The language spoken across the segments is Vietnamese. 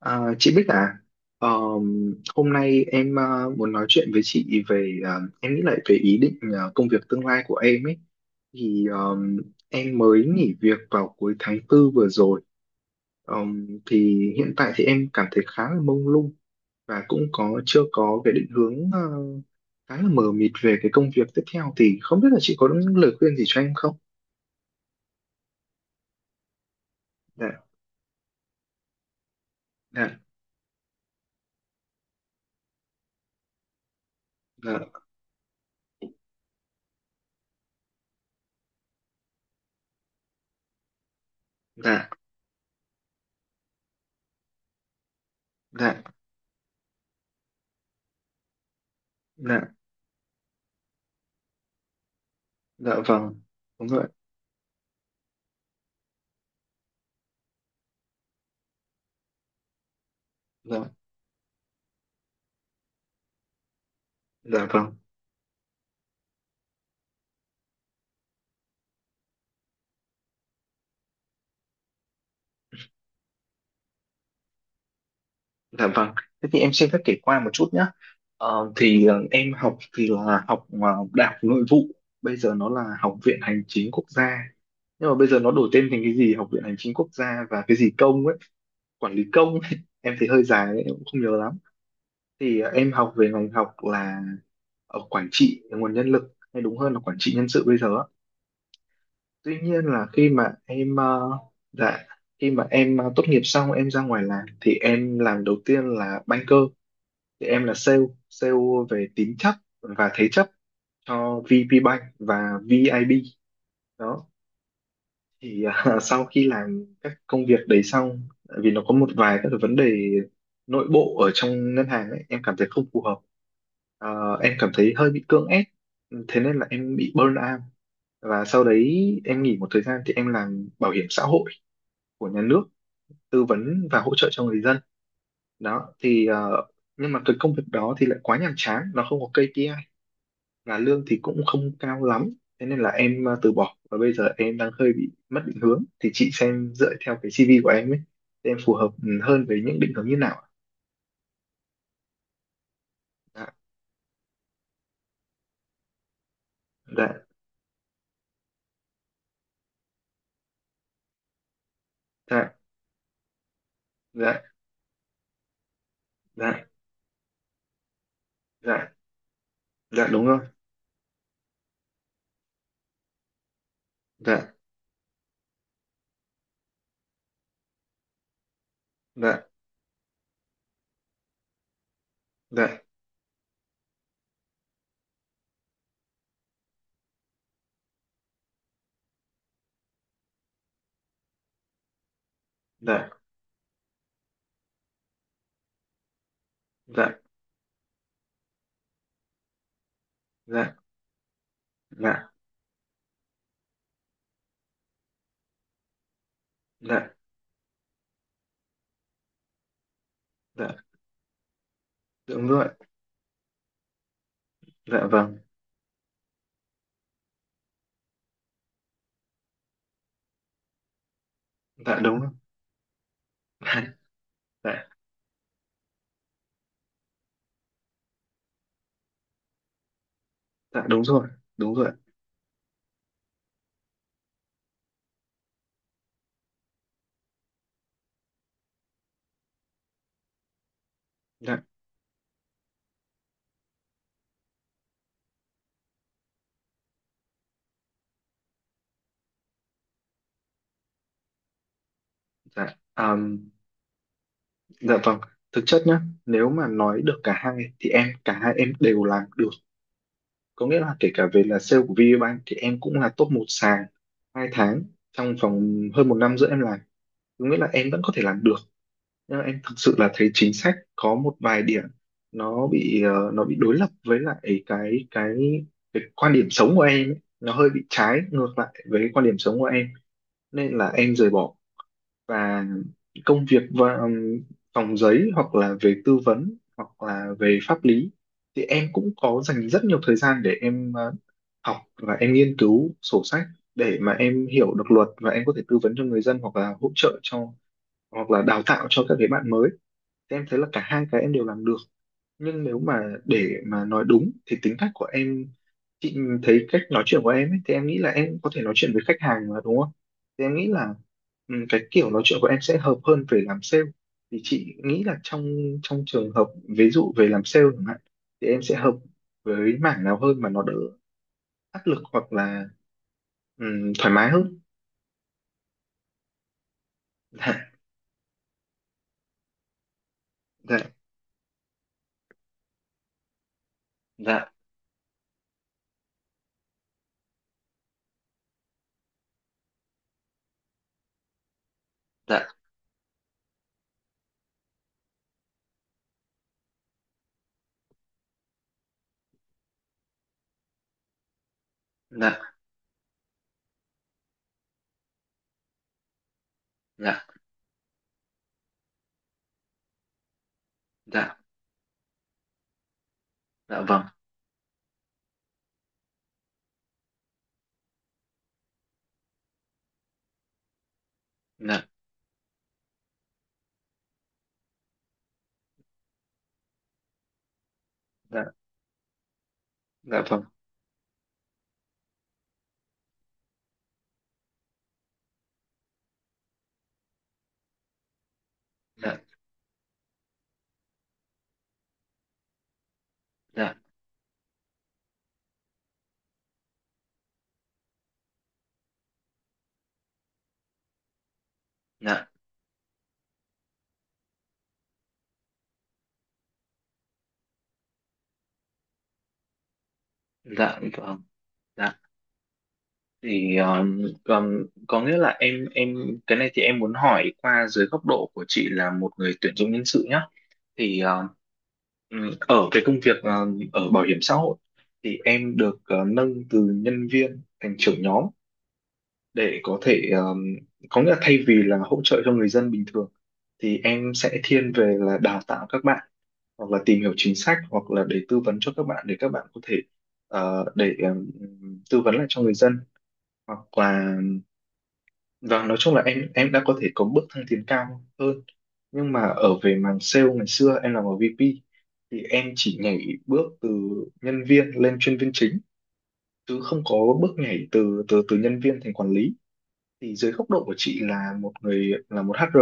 À, chị Bích à, ờ, hôm nay em muốn nói chuyện với chị về em nghĩ lại về ý định công việc tương lai của em ấy thì em mới nghỉ việc vào cuối tháng tư vừa rồi. Ờ, thì hiện tại thì em cảm thấy khá là mông lung và cũng có chưa có cái định hướng, khá là mờ mịt về cái công việc tiếp theo. Thì không biết là chị có những lời khuyên gì cho em không? Dạ, dạ, dạ, dạ, dạ, dạ, dạ, vâng, đúng rồi, dạ, dạ vâng. Dạ vâng, thế thì em xin phép kể qua một chút nhé. Em học thì là học, đại học nội vụ, bây giờ nó là Học viện Hành chính Quốc gia. Nhưng mà bây giờ nó đổi tên thành cái gì Học viện Hành chính Quốc gia và cái gì công ấy, quản lý công ấy. Em thấy hơi dài ấy, em cũng không nhớ lắm. Thì em học về ngành học là ở quản trị nguồn nhân lực, hay đúng hơn là quản trị nhân sự bây giờ á. Tuy nhiên là khi mà em ờ, dạ khi mà em ờ, tốt nghiệp xong em ra ngoài làm thì em làm đầu tiên là banker, thì em là sale sale về tín chấp và thế chấp cho VP Bank và VIB đó. Thì à, sau khi làm các công việc đấy xong, tại vì nó có một vài các cái vấn đề nội bộ ở trong ngân hàng ấy, em cảm thấy không phù hợp. À, em cảm thấy hơi bị cưỡng ép, thế nên là em bị burn out. Và sau đấy em nghỉ một thời gian thì em làm bảo hiểm xã hội của nhà nước, tư vấn và hỗ trợ cho người dân đó. Thì nhưng mà cái công việc đó thì lại quá nhàm chán, nó không có KPI và lương thì cũng không cao lắm, thế nên là em từ bỏ. Và bây giờ em đang hơi bị mất định hướng, thì chị xem dựa theo cái CV của em ấy thì em phù hợp hơn với những định hướng như nào ạ? Dạ, dạ, dạ, dạ, dạ, dạ, dạ đúng rồi. Dạ, dạ, dạ, dạ, dạ, dạ, dạ, dạ, dạ đúng rồi. Dạ vâng. Dạ đúng rồi. Dạ, dạ, dạ, đúng rồi, đúng rồi. Dạ, dạ. Dạ vâng, thực chất nhá, nếu mà nói được cả hai thì em cả hai em đều làm được. Có nghĩa là kể cả về là sale của VPBank thì em cũng là top một sàn hai tháng trong vòng hơn một năm giữa em làm, có nghĩa là em vẫn có thể làm được. Nhưng mà em thực sự là thấy chính sách có một vài điểm, nó bị nó bị đối lập với lại cái cái cái quan điểm sống của em ấy. Nó hơi bị trái ngược lại với quan điểm sống của em, nên là em rời bỏ và công việc. Và phòng giấy hoặc là về tư vấn hoặc là về pháp lý thì em cũng có dành rất nhiều thời gian để em học và em nghiên cứu sổ sách để mà em hiểu được luật, và em có thể tư vấn cho người dân hoặc là hỗ trợ cho, hoặc là đào tạo cho các cái bạn mới. Thì em thấy là cả hai cái em đều làm được. Nhưng nếu mà để mà nói đúng thì tính cách của em, chị thấy cách nói chuyện của em ấy, thì em nghĩ là em có thể nói chuyện với khách hàng mà, đúng không? Thì em nghĩ là cái kiểu nói chuyện của em sẽ hợp hơn về làm sale. Thì chị nghĩ là trong trong trường hợp ví dụ về làm sale chẳng hạn, thì em sẽ hợp với mảng nào hơn mà nó đỡ áp lực hoặc là thoải mái hơn? Dạ, dạ, dạ, dạ, dạ, dạ, dạ, dạ vâng, dạ, dạ, dạ vâng, dạ, dạ, dạ, dạ vâng, dạ thì còn có nghĩa là em, cái này thì em muốn hỏi qua dưới góc độ của chị là một người tuyển dụng nhân sự nhá. Thì ở cái công việc ở bảo hiểm xã hội, thì em được nâng từ nhân viên thành trưởng nhóm để có thể, có nghĩa là thay vì là hỗ trợ cho người dân bình thường thì em sẽ thiên về là đào tạo các bạn, hoặc là tìm hiểu chính sách, hoặc là để tư vấn cho các bạn để các bạn có thể ờ, để tư vấn lại cho người dân hoặc là. Và nói chung là em đã có thể có bước thăng tiến cao hơn. Nhưng mà ở về mảng sale ngày xưa em làm ở VP thì em chỉ nhảy bước từ nhân viên lên chuyên viên chính, chứ không có bước nhảy từ từ từ nhân viên thành quản lý. Thì dưới góc độ của chị là một người là một HR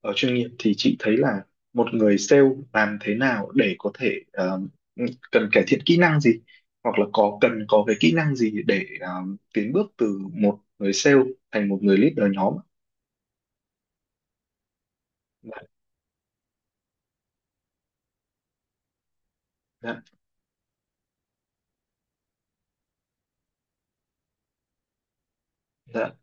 ở chuyên nghiệp, thì chị thấy là một người sale làm thế nào để có thể ừ, cần cải thiện kỹ năng gì, hoặc là có cần có cái kỹ năng gì để tiến bước từ một người sale thành một người leader nhóm? Dạ, dạ, dạ,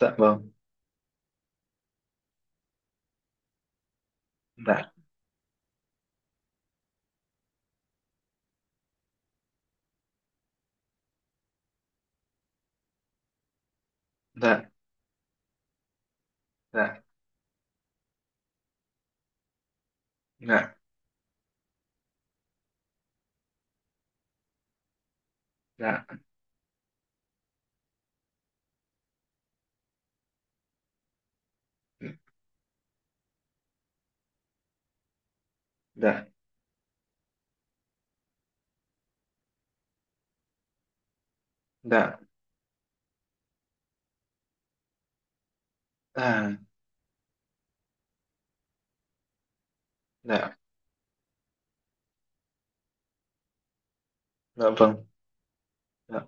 dạ vâng, dạ, dạ, dạ, dạ, dạ, dạ, dạ à, dạ, dạ vâng, dạ,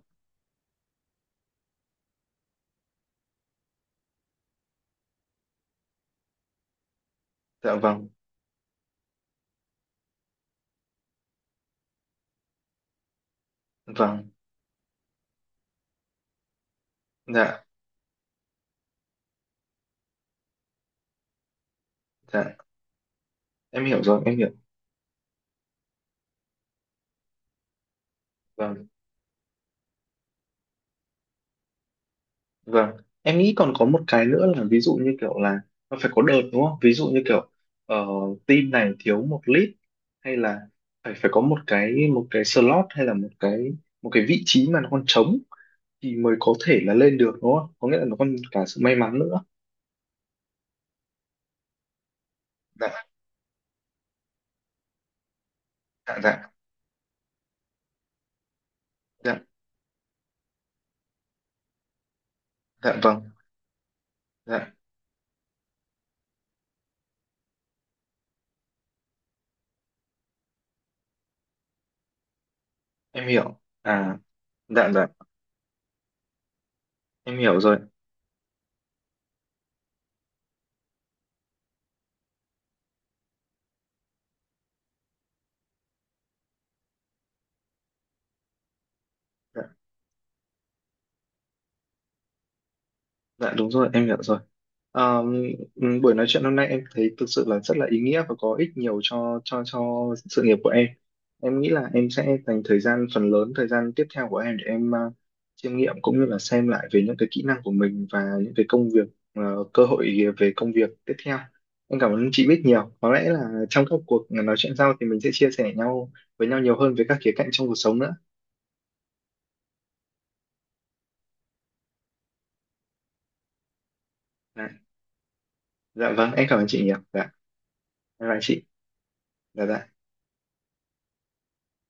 dạ, dạ vâng, dạ, dạ vâng, dạ, dạ vâng, dạ, em hiểu rồi em hiểu. Vâng. Vâng, em nghĩ còn có một cái nữa là ví dụ như kiểu là nó phải có đợt, đúng không? Ví dụ như kiểu ờ, team này thiếu một lead, hay là phải phải có một cái slot, hay là một cái vị trí mà nó còn trống thì mới có thể là lên được, đúng không? Có nghĩa là nó còn cả sự may mắn nữa. Dạ, dạ, dạ, dạ, dạ vâng, dạ, em hiểu. À, dạ, dạ, em hiểu rồi. Dạ, dạ đúng rồi, em hiểu rồi. Ờ, Buổi nói chuyện hôm nay em thấy thực sự là rất là ý nghĩa và có ích nhiều cho sự nghiệp của em. Em nghĩ là em sẽ dành thời gian phần lớn thời gian tiếp theo của em để em chiêm nghiệm, cũng như là xem lại về những cái kỹ năng của mình và những cái công việc, ờ, cơ hội về công việc tiếp theo. Em cảm ơn chị biết nhiều. Có lẽ là trong các cuộc nói chuyện sau thì mình sẽ chia sẻ nhau với nhau nhiều hơn về các khía cạnh trong cuộc sống nữa. Dạ, dạ vâng, em cảm ơn chị nhiều. Dạ, bye bye chị. Dạ dạ.